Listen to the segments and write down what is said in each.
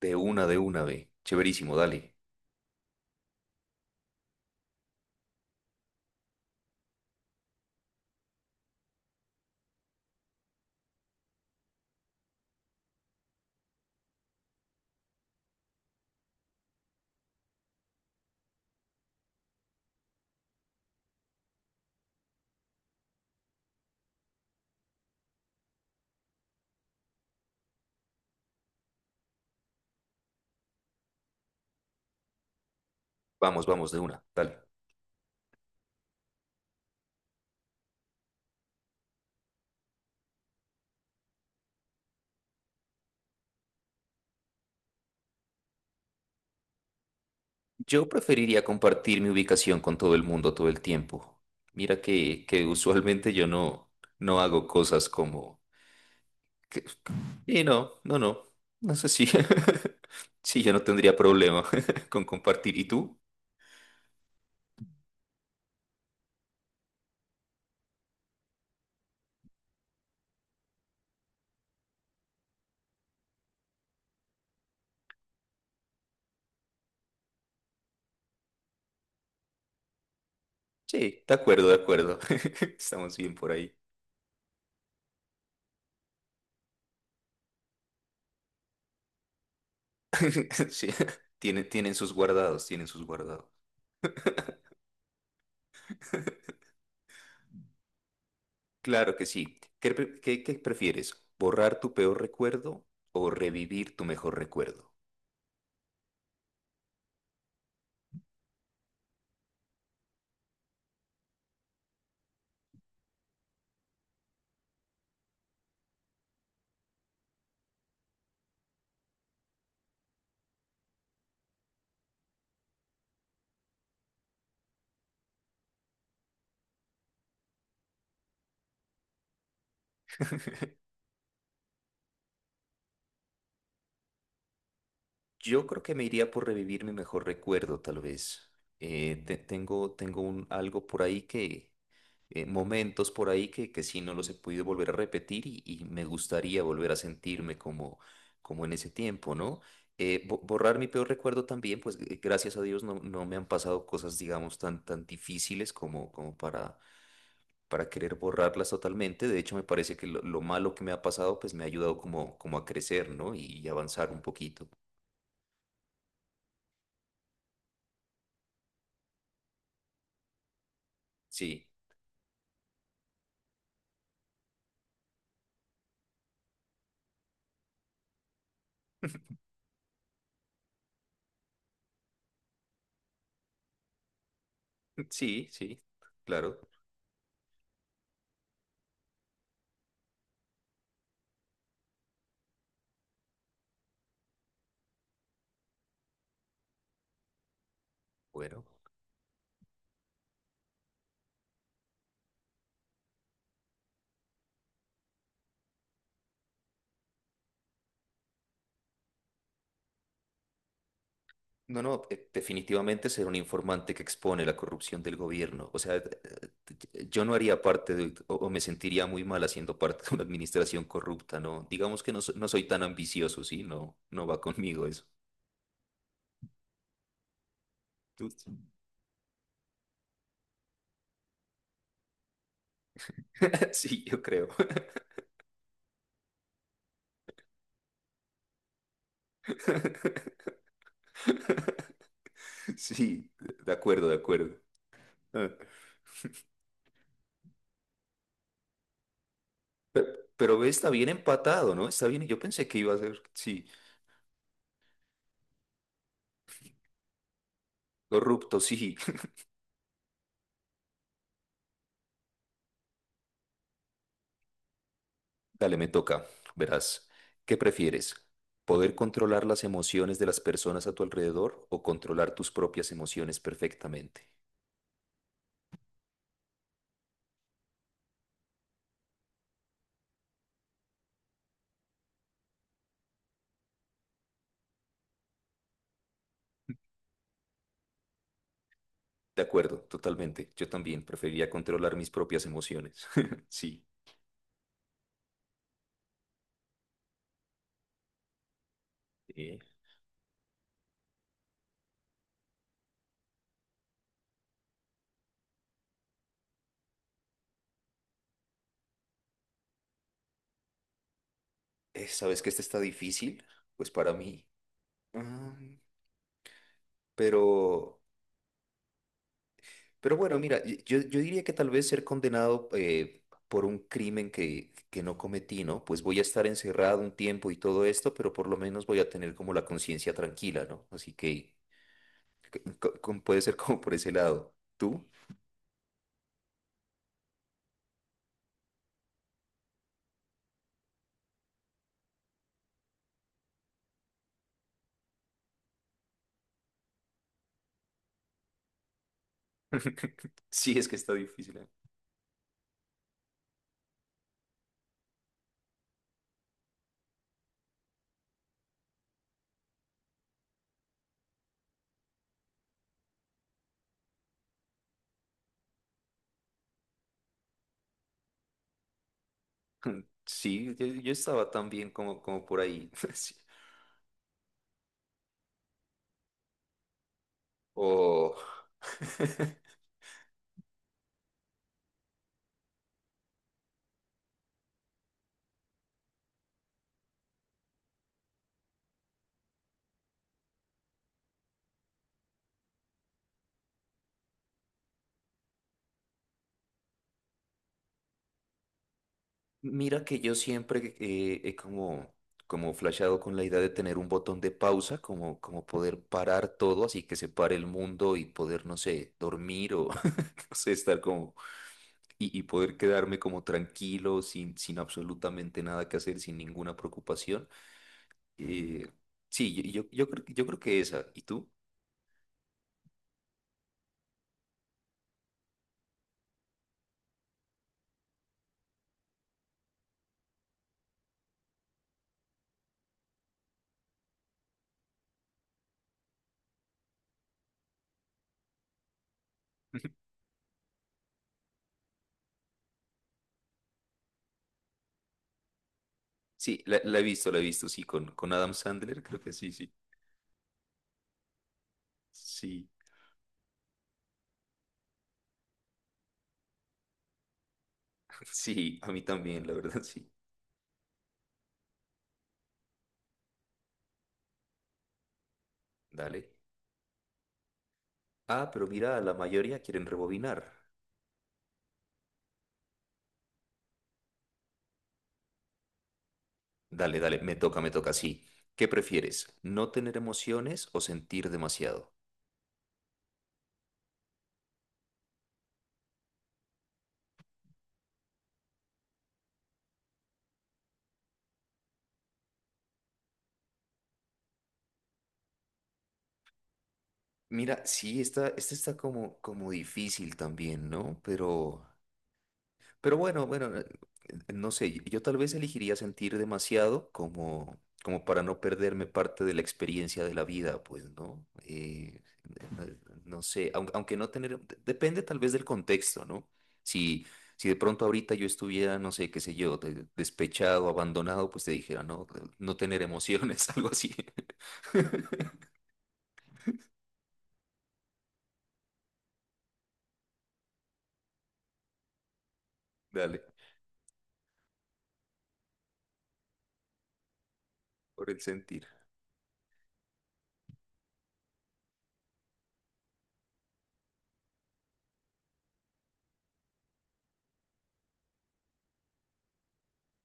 De una, ve. Chéverísimo, dale. Vamos, vamos, de una, dale. Yo preferiría compartir mi ubicación con todo el mundo todo el tiempo. Mira que usualmente yo no hago cosas como. Que. Y no, no, no. No sé si. Sí, yo no tendría problema con compartir. ¿Y tú? Sí, de acuerdo, de acuerdo. Estamos bien por ahí. Sí, tienen sus guardados, tienen sus guardados. Claro que sí. ¿Qué prefieres? ¿Borrar tu peor recuerdo o revivir tu mejor recuerdo? Yo creo que me iría por revivir mi mejor recuerdo, tal vez. Tengo un, algo por ahí que, momentos por ahí que sí no los he podido volver a repetir y me gustaría volver a sentirme como en ese tiempo, ¿no? Borrar mi peor recuerdo también, pues gracias a Dios no me han pasado cosas, digamos, tan, tan difíciles como para querer borrarlas totalmente. De hecho, me parece que lo malo que me ha pasado, pues me ha ayudado como a crecer, ¿no? Y avanzar un poquito. Sí, sí, sí, claro. Bueno. No, no, definitivamente ser un informante que expone la corrupción del gobierno. O sea, yo no haría parte de, o me sentiría muy mal haciendo parte de una administración corrupta, ¿no? Digamos que no, no soy tan ambicioso, ¿sí? No, no va conmigo eso. Tú- Sí, yo creo. Sí, de acuerdo, de acuerdo. Eh, pe- Pero, ve, está bien empatado, ¿no? Está bien. Yo pensé que iba a ser, sí, corrupto, sí. Dale, me toca. Verás, ¿qué prefieres? ¿Poder controlar las emociones de las personas a tu alrededor o controlar tus propias emociones perfectamente? De acuerdo, totalmente. Yo también preferiría controlar mis propias emociones. Sí. Sí. ¿Sabes que este está difícil? Pues para mí. Mm, pero. Pero bueno, mira, yo diría que tal vez ser condenado por un crimen que no cometí, ¿no? Pues voy a estar encerrado un tiempo y todo esto, pero por lo menos voy a tener como la conciencia tranquila, ¿no? Así que como puede ser como por ese lado. ¿Tú? Sí, es que está difícil. ¿Eh? Sí, yo estaba también como por ahí. Sí. O. Mira que yo siempre he como flasheado con la idea de tener un botón de pausa, como poder parar todo, así que se pare el mundo y poder, no sé, dormir o no sé, estar y poder quedarme como tranquilo, sin absolutamente nada que hacer, sin ninguna preocupación. Eh, sí, yo creo que esa. ¿Y tú? Sí, la he visto, la he visto, sí, con Adam Sandler, creo que sí, sí. Sí, sí, a mí también, la verdad, sí. Dale. Ah, pero mira, la mayoría quieren rebobinar. Dale, dale, me toca, sí. ¿Qué prefieres? ¿No tener emociones o sentir demasiado? Mira, sí, esta está como difícil también, ¿no? Pero bueno, no sé, yo tal vez elegiría sentir demasiado como para no perderme parte de la experiencia de la vida, pues, ¿no? No no sé, aunque no tener, depende tal vez del contexto, ¿no? Si, si de pronto ahorita yo estuviera, no sé, qué sé yo, despechado, abandonado, pues te dijera, no, no tener emociones, algo así. Dale, por el sentir.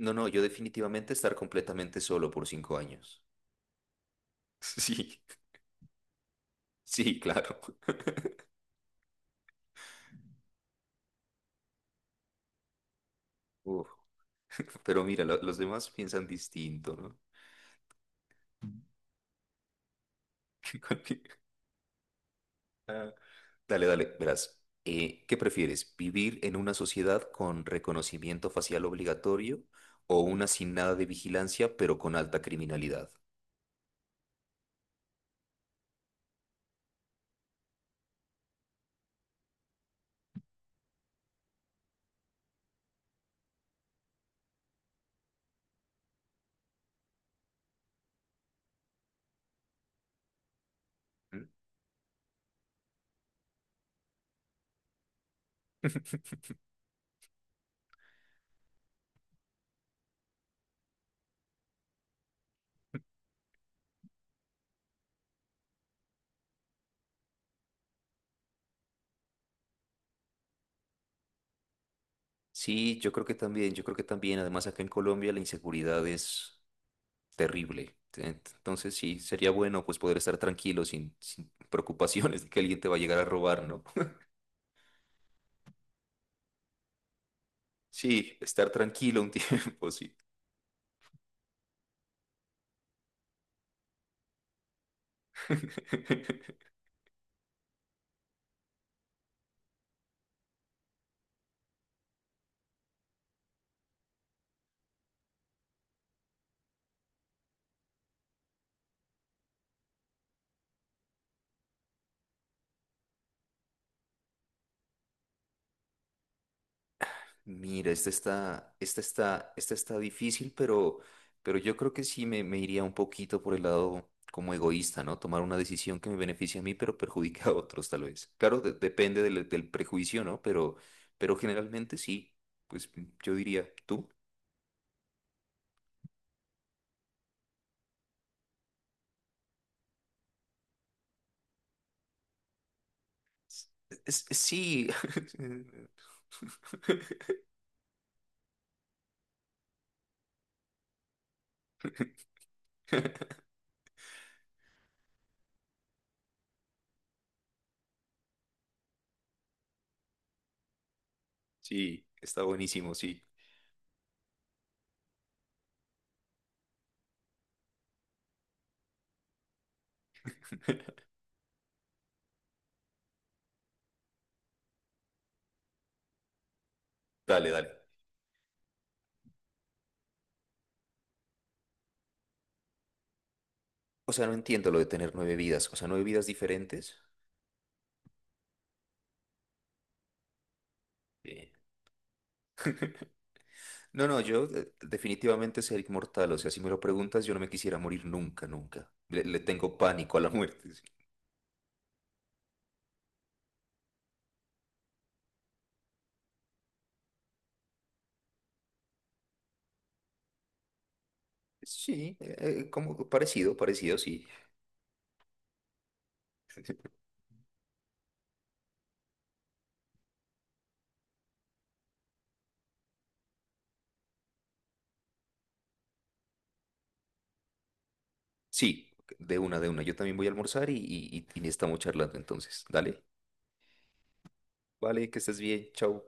No, no, yo definitivamente estar completamente solo por 5 años. Sí, sí, claro. Uf, pero mira, los demás piensan distinto, ¿no? Cualquier- Ah, dale, dale, verás. ¿Qué prefieres? ¿Vivir en una sociedad con reconocimiento facial obligatorio o una sin nada de vigilancia pero con alta criminalidad? ¿Mm? Sí, yo creo que también, yo creo que también, además acá en Colombia la inseguridad es terrible. Entonces sí, sería bueno pues poder estar tranquilo sin preocupaciones de que alguien te va a llegar a robar, ¿no? Sí, estar tranquilo un tiempo, sí. Mira, esta está difícil, pero yo creo que sí me iría un poquito por el lado como egoísta, ¿no? Tomar una decisión que me beneficie a mí, pero perjudica a otros, tal vez. Claro, depende del prejuicio, ¿no? Pero generalmente sí. Pues yo diría, ¿tú? Sí. Sí, está buenísimo, sí. Dale, dale. O sea, no entiendo lo de tener nueve vidas. O sea, nueve vidas diferentes. eh, No, no, yo definitivamente ser inmortal, o sea, si me lo preguntas, yo no me quisiera morir nunca, nunca. Le tengo pánico a la muerte. Sí. Sí, como parecido, parecido, sí. Sí, de una, de una. Yo también voy a almorzar y estamos charlando entonces. Dale, vale, que estés bien, chao.